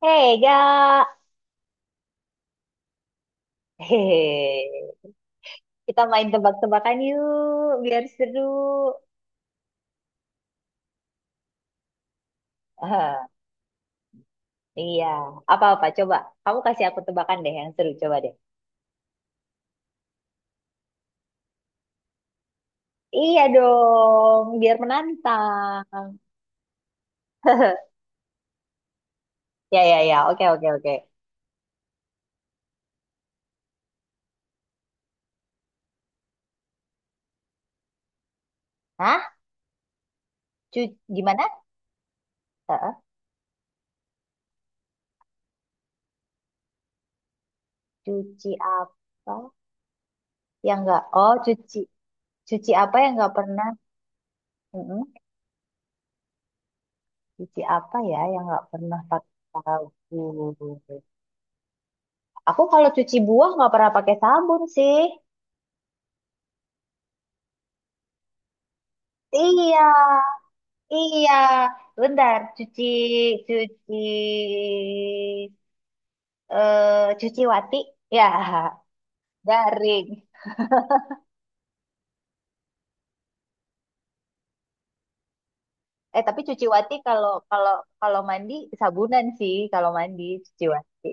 Hei, Ga. Hehehe. Kita main tebak-tebakan yuk, biar seru. Ah, iya, apa-apa coba. Kamu kasih aku tebakan deh yang seru, coba deh. Iya dong, biar menantang. Ya, ya, ya. Oke, oke, oke. Hah? Cuci gimana? Heeh. Cuci apa yang nggak? Oh, cuci cuci apa yang nggak pernah? Mm-mm. Cuci apa ya yang nggak pernah pakai sabun? Aku kalau cuci buah nggak pernah pakai sabun sih. Iya, iya. Bentar, cuci, cuci, eh cuci wati. Ya, garing. Eh, tapi cuci wati kalau kalau kalau mandi sabunan sih kalau mandi cuci wati.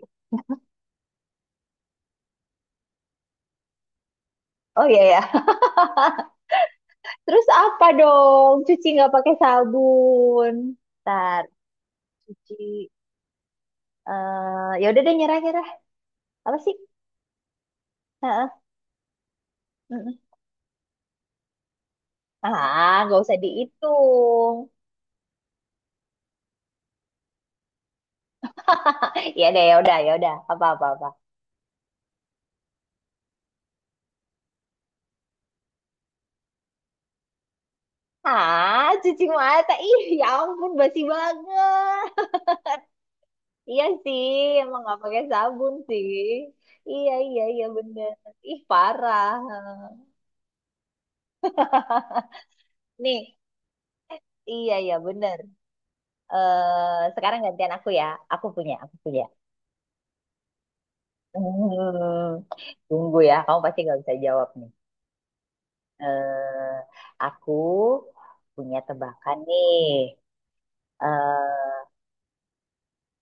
Oh iya ya. Terus apa dong? Cuci nggak pakai sabun. Bentar, cuci. Eh ya udah deh nyerah nyerah. Apa sih? Heeh, mm-mm. Ah, nggak usah dihitung. Ya deh, ya udah, ya udah. Apa apa apa. Ah, cuci mata. Ih, ya ampun basi banget. Iya sih, emang nggak pakai sabun sih. Iya, iya, iya bener. Ih, parah. Nih, iya, iya bener. Eh, sekarang gantian aku ya. Aku punya, aku punya. Hmm, tunggu ya, kamu pasti nggak bisa jawab nih. Eh, aku punya tebakan nih. Eh,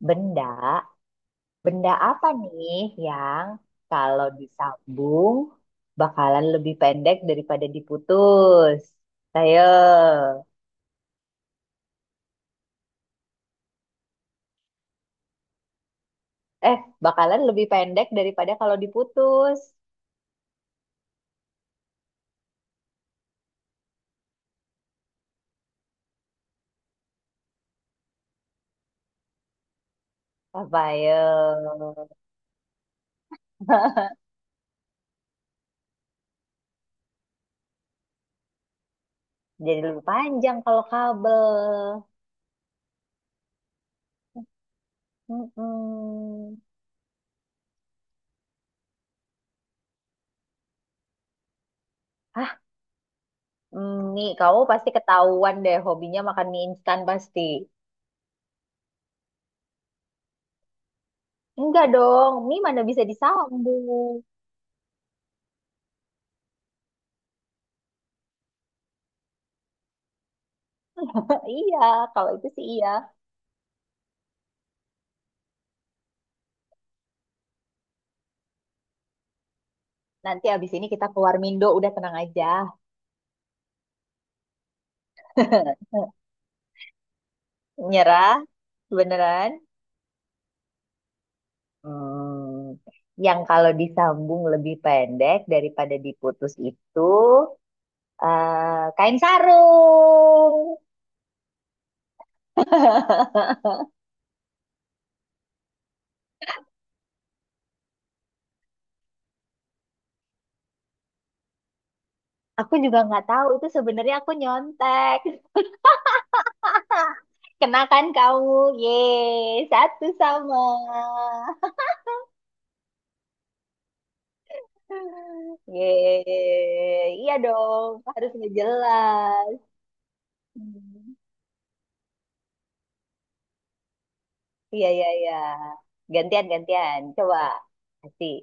benda Benda apa nih yang kalau disambung bakalan lebih pendek daripada diputus? Ayo. Eh, bakalan lebih pendek daripada kalau diputus. Apa ayo? Jadi lebih panjang kalau kabel. Mm-mm. Hah, mm, nih kamu pasti ketahuan deh hobinya makan mie instan pasti. Enggak dong, mie mana bisa disambung. Iya, kalau itu sih iya. Nanti abis ini kita keluar Mindo, udah tenang aja. Nyerah, beneran. Hmm, yang kalau disambung lebih pendek daripada diputus itu eh, kain sarung. Aku juga nggak tahu itu sebenarnya aku nyontek. Kenakan kamu, ye satu sama. Ye iya dong, harus ngejelas. Hmm. Iya, iya, iya. Gantian, gantian. Coba. Kasih.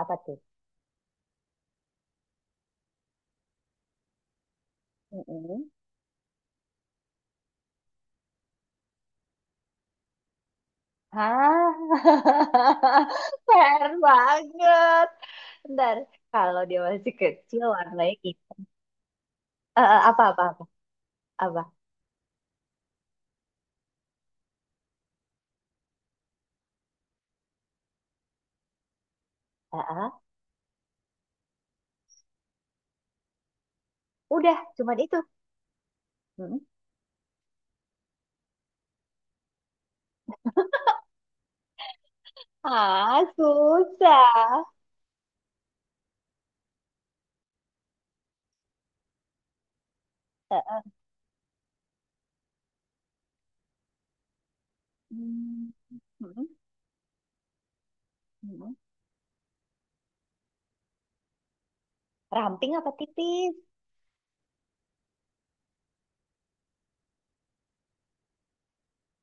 Apa tuh? Mm-mm. Hah? Fair banget. Bentar. Kalau dia masih kecil warnanya gitu. Eh eh, apa, apa, apa? Apa? Eh, eh. Udah, cuman itu. Mm-mm. Ah, susah. Eh, eh. Hmm. Mm-mm. Mm-mm. Ramping apa tipis?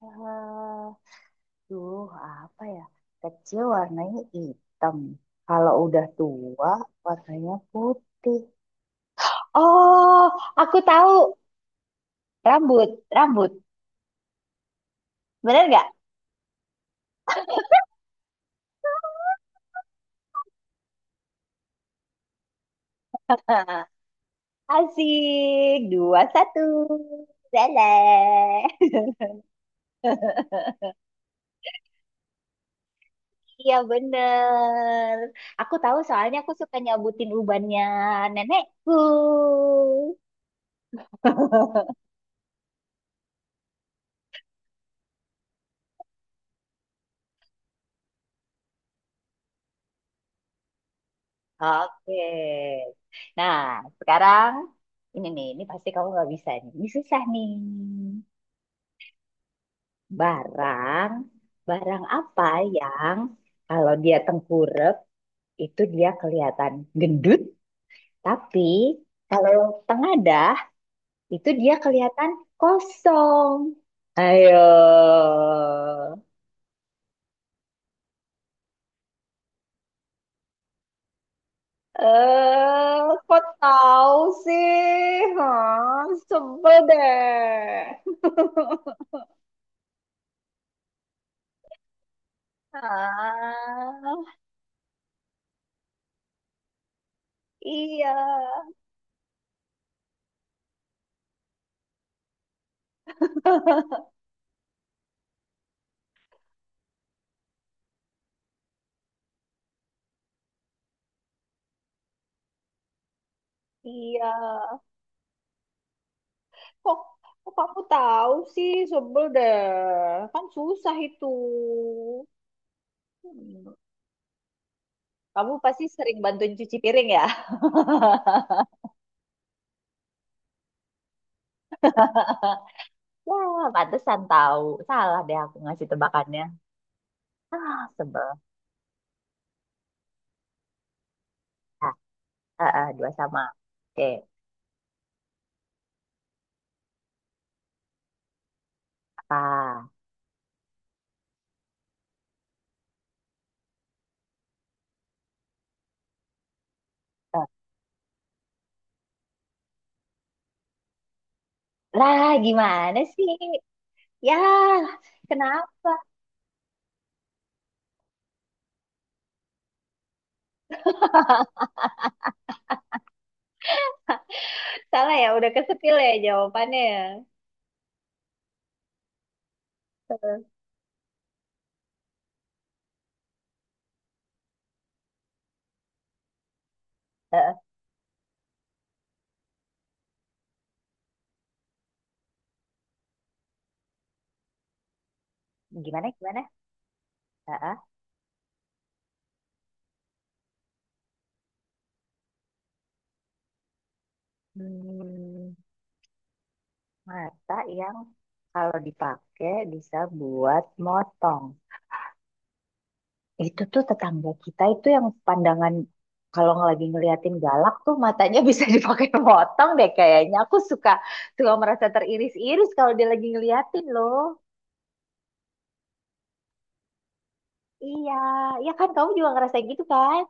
Eh, duh, apa ya? Kecil warnanya hitam. Kalau udah tua, warnanya putih. Oh, aku tahu. Rambut, rambut. Bener nggak? Asik. Dua, satu. Leleh. Iya, bener. Aku tahu soalnya aku suka nyabutin ubannya nenekku. Oke. Nah, sekarang ini nih, ini pasti kamu nggak bisa nih. Ini susah nih. Barang, Barang apa yang kalau dia tengkurep itu dia kelihatan gendut, tapi kalau tengadah itu dia kelihatan kosong. Ayo. Eh, kok tahu sih? Hah, sebel deh. Ah, iya, iya. Kok, Kok kamu tahu sih, sebel deh. Kan susah itu. Hmm, kamu pasti sering bantuin cuci piring ya? Wah, pantesan tahu. Salah deh aku ngasih tebakannya. Ah, sebel. Ah, ah, ah, dua sama. Oke, apa? Eh, lah, gimana sih? Ya, kenapa? Salah ya, udah kesepil ya jawabannya ya. Gimana gimana? Heeh. Hmm, mata yang kalau dipakai bisa buat motong. Itu tuh tetangga kita itu yang pandangan kalau lagi ngeliatin galak tuh matanya bisa dipakai motong deh kayaknya. Aku suka suka merasa teriris-iris kalau dia lagi ngeliatin loh. Iya, ya kan kamu juga ngerasain gitu kan?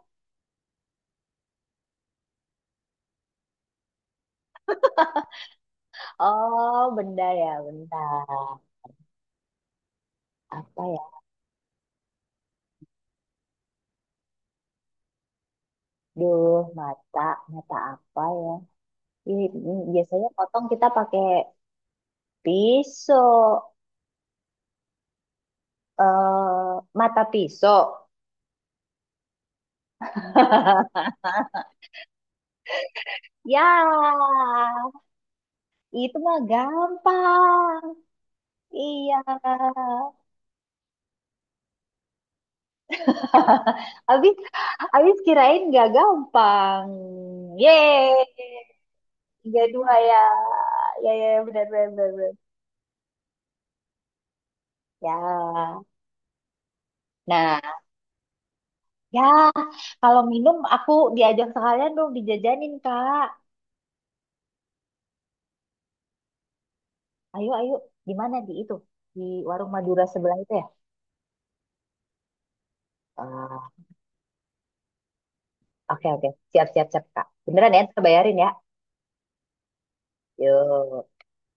Oh, benda ya, benda apa ya? Duh, mata, mata apa ya? Ih, ini biasanya potong kita pakai pisau. Eh mata pisau. Ya, itu mah gampang. Iya. Habis, Habis kirain gak gampang. Yeay. Tiga dua ya. Ya, ya, ya, benar, benar, benar, benar. Ya. Nah, ya. Kalau minum, aku diajak sekalian dong dijajanin, Kak. Ayo, ayo. Di mana? Di itu. Di warung Madura sebelah itu ya? Oke, oke. Siap, siap, siap, Kak. Beneran ya, terbayarin ya. Yuk.